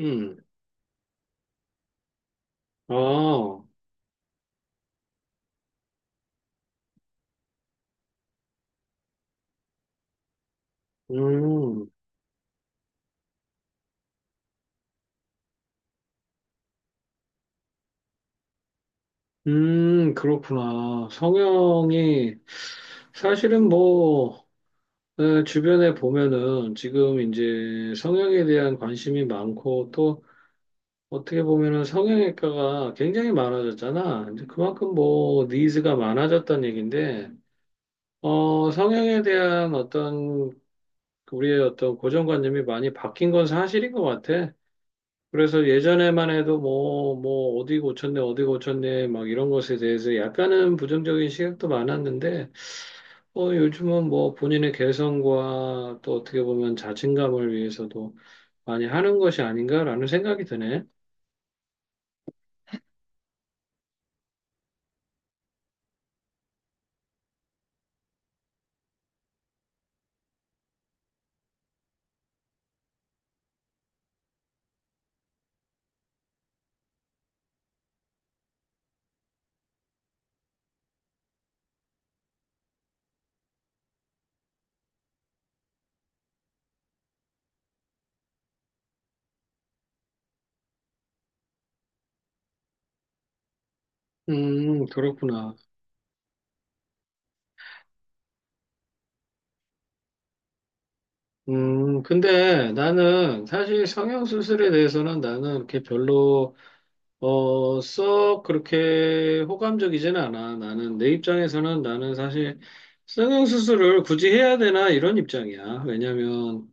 음, 아, 음, 그렇구나. 성형이, 사실은 뭐, 네, 주변에 보면은 지금 이제 성형에 대한 관심이 많고 또 어떻게 보면은 성형외과가 굉장히 많아졌잖아. 이제 그만큼 뭐, 니즈가 많아졌다는 얘기인데, 어, 성형에 대한 어떤, 우리의 어떤 고정관념이 많이 바뀐 건 사실인 것 같아. 그래서 예전에만 해도 뭐, 뭐, 어디 고쳤네, 어디 고쳤네, 막 이런 것에 대해서 약간은 부정적인 시각도 많았는데, 어, 요즘은 뭐 본인의 개성과 또 어떻게 보면 자신감을 위해서도 많이 하는 것이 아닌가라는 생각이 드네. 그렇구나. 근데 나는 사실 성형수술에 대해서는 나는 이렇게 별로 어, 썩 그렇게 호감적이지는 않아. 나는 내 입장에서는 나는 사실 성형수술을 굳이 해야 되나 이런 입장이야. 왜냐면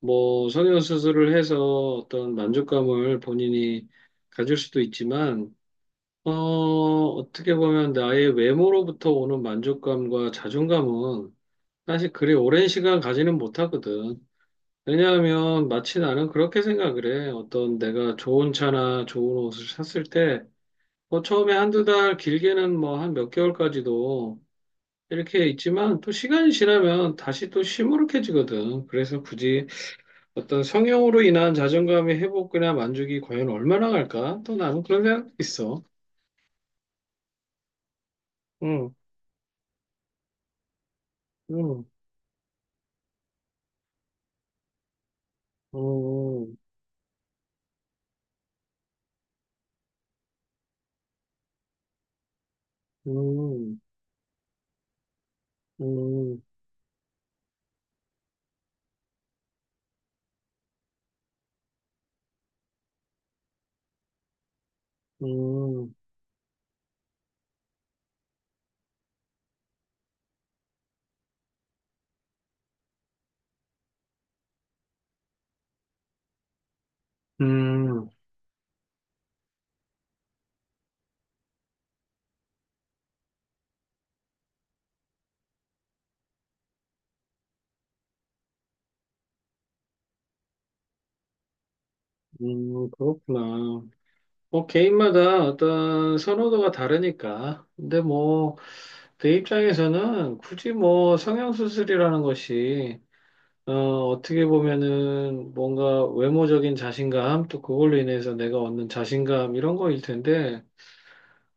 뭐 성형수술을 해서 어떤 만족감을 본인이 가질 수도 있지만 어, 어떻게 보면 나의 외모로부터 오는 만족감과 자존감은 사실 그리 오랜 시간 가지는 못하거든. 왜냐하면 마치 나는 그렇게 생각을 해. 어떤 내가 좋은 차나 좋은 옷을 샀을 때 뭐 처음에 한 두 달, 길게는 뭐 한 몇 개월까지도 이렇게 있지만 또 시간이 지나면 다시 또 시무룩해지거든. 그래서 굳이 어떤 성형으로 인한 자존감의 회복이나 만족이 과연 얼마나 갈까? 또 나는 그런 생각도 있어. 응. 응. 응. 응. 응. 응. 응. 응. 그렇구나. 뭐 개인마다 어떤 선호도가 다르니까. 근데 뭐 내 입장에서는 굳이 뭐 성형수술이라는 것이 어, 어떻게 보면은 뭔가 외모적인 자신감 또 그걸로 인해서 내가 얻는 자신감 이런 거일 텐데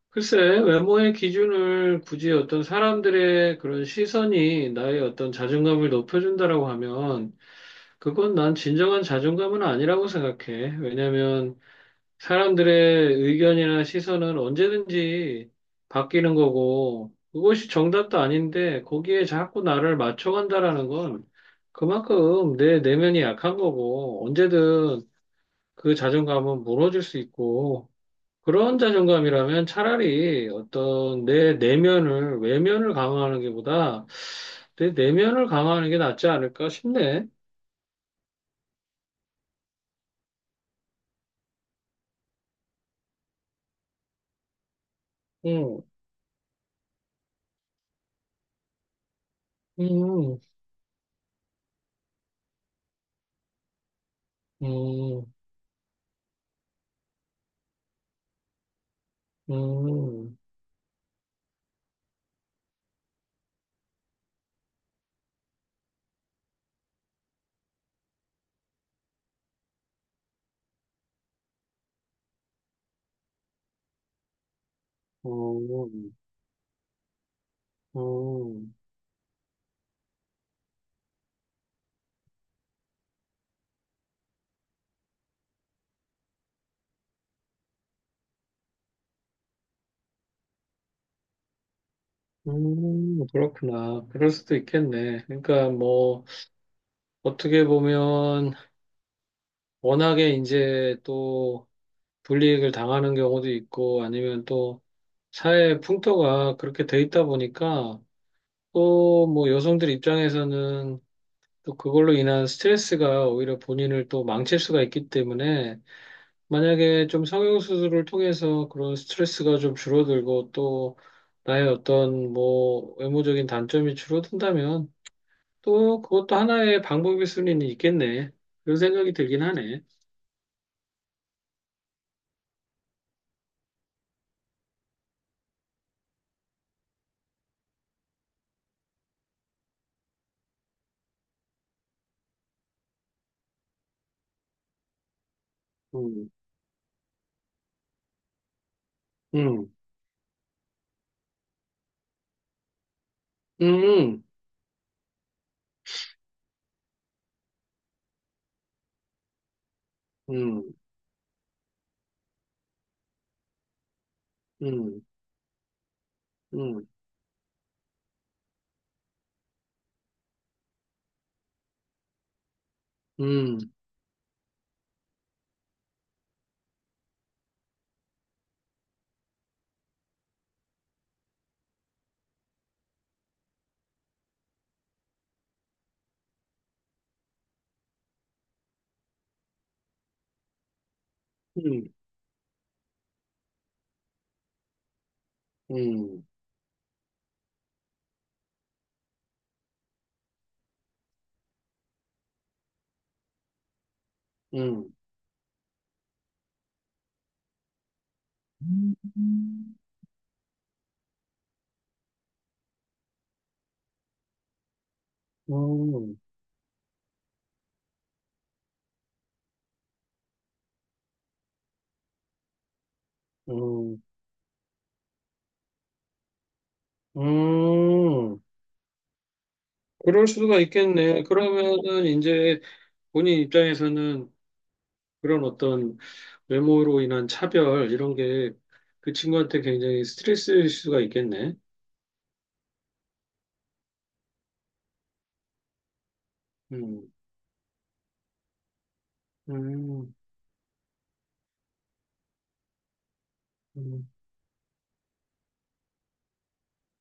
글쎄 외모의 기준을 굳이 어떤 사람들의 그런 시선이 나의 어떤 자존감을 높여준다라고 하면 그건 난 진정한 자존감은 아니라고 생각해. 왜냐면 사람들의 의견이나 시선은 언제든지 바뀌는 거고, 그것이 정답도 아닌데, 거기에 자꾸 나를 맞춰간다라는 건 그만큼 내 내면이 약한 거고, 언제든 그 자존감은 무너질 수 있고, 그런 자존감이라면 차라리 어떤 내 내면을, 외면을 강화하는 게보다 내 내면을 강화하는 게 낫지 않을까 싶네. 음. 음. 음. 음. 음. 음. 그렇구나. 그럴 수도 있겠네. 그러니까 뭐, 어떻게 보면, 워낙에 이제 또 불이익을 당하는 경우도 있고, 아니면 또 사회 풍토가 그렇게 돼 있다 보니까, 또 뭐 여성들 입장에서는 또 그걸로 인한 스트레스가 오히려 본인을 또 망칠 수가 있기 때문에, 만약에 좀 성형수술을 통해서 그런 스트레스가 좀 줄어들고, 또 나의 어떤 뭐 외모적인 단점이 줄어든다면, 또 그것도 하나의 방법일 수는 있겠네. 그런 생각이 들긴 하네. 음. 음. 음. 음. 음. 음. 음. 음. 음. 음. 음. 음. 음. 그럴 수가 있겠네. 그러면은 이제 본인 입장에서는 그런 어떤 외모로 인한 차별 이런 게 그 친구한테 굉장히 스트레스일 수가 있겠네. 음. 음. 음.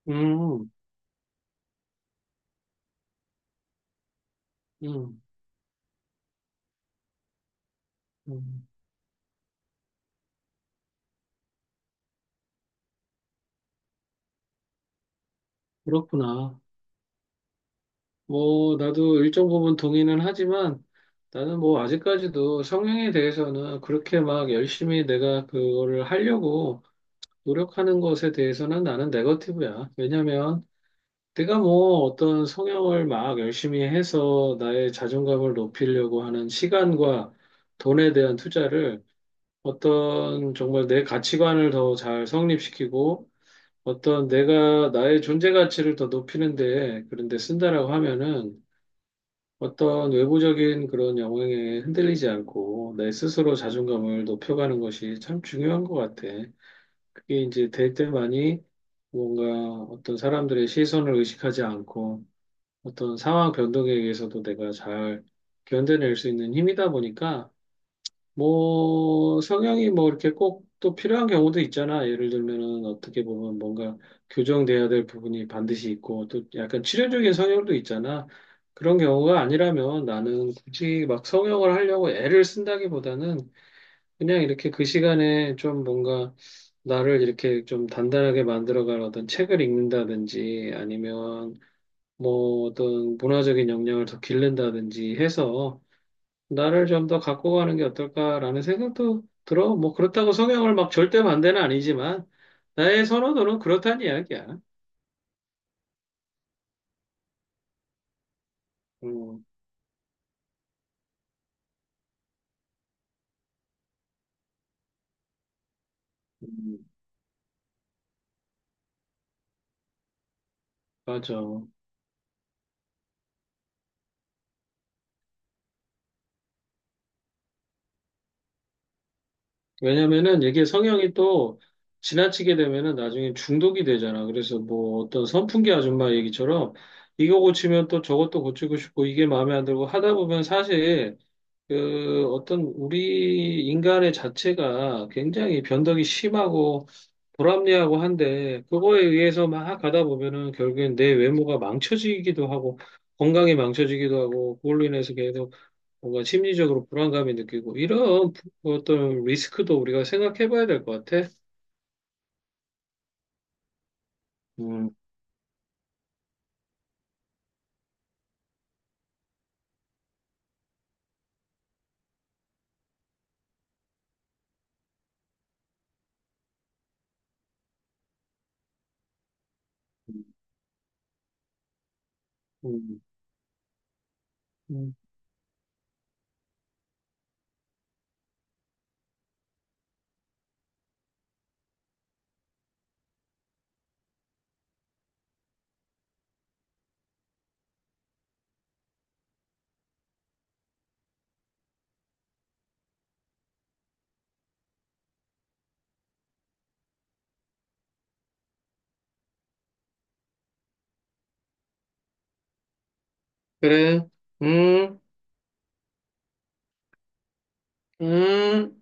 음. 음. 음. 그렇구나. 뭐, 나도 일정 부분 동의는 하지만 나는 뭐 아직까지도 성향에 대해서는 그렇게 막 열심히 내가 그거를 하려고 노력하는 것에 대해서는 나는 네거티브야. 왜냐면 내가 뭐 어떤 성향을 막 열심히 해서 나의 자존감을 높이려고 하는 시간과 돈에 대한 투자를 어떤 정말 내 가치관을 더 잘 성립시키고 어떤 내가 나의 존재 가치를 더 높이는데 그런데 쓴다라고 하면은 어떤 외부적인 그런 영향에 흔들리지 않고 내 스스로 자존감을 높여가는 것이 참 중요한 것 같아. 그게 이제 될 때만이 뭔가 어떤 사람들의 시선을 의식하지 않고 어떤 상황 변동에 의해서도 내가 잘 견뎌낼 수 있는 힘이다 보니까 뭐, 성향이 뭐 이렇게 꼭 또 필요한 경우도 있잖아. 예를 들면은 어떻게 보면 뭔가 교정돼야 될 부분이 반드시 있고 또 약간 치료적인 성향도 있잖아. 그런 경우가 아니라면 나는 굳이 막 성형을 하려고 애를 쓴다기보다는 그냥 이렇게 그 시간에 좀 뭔가 나를 이렇게 좀 단단하게 만들어갈 어떤 책을 읽는다든지 아니면 뭐 어떤 문화적인 역량을 더 기른다든지 해서 나를 좀 더 갖고 가는 게 어떨까라는 생각도 들어. 뭐 그렇다고 성향을 막 절대 반대는 아니지만 나의 선호도는 그렇다는 이야기야. 음. 음, 맞아. 왜냐면은 이게 성향이 또 지나치게 되면은 나중에 중독이 되잖아. 그래서 뭐 어떤 선풍기 아줌마 얘기처럼 이거 고치면 또 저것도 고치고 싶고 이게 마음에 안 들고 하다 보면 사실 그 어떤 우리 인간의 자체가 굉장히 변덕이 심하고 불합리하고 한데 그거에 의해서 막 가다 보면은 결국엔 내 외모가 망쳐지기도 하고 건강이 망쳐지기도 하고 그걸로 인해서 계속 뭔가 심리적으로 불안감이 느끼고 이런 어떤 리스크도 우리가 생각해 봐야 될 것 같아. 음. 음. 음. 그래. 음. 음.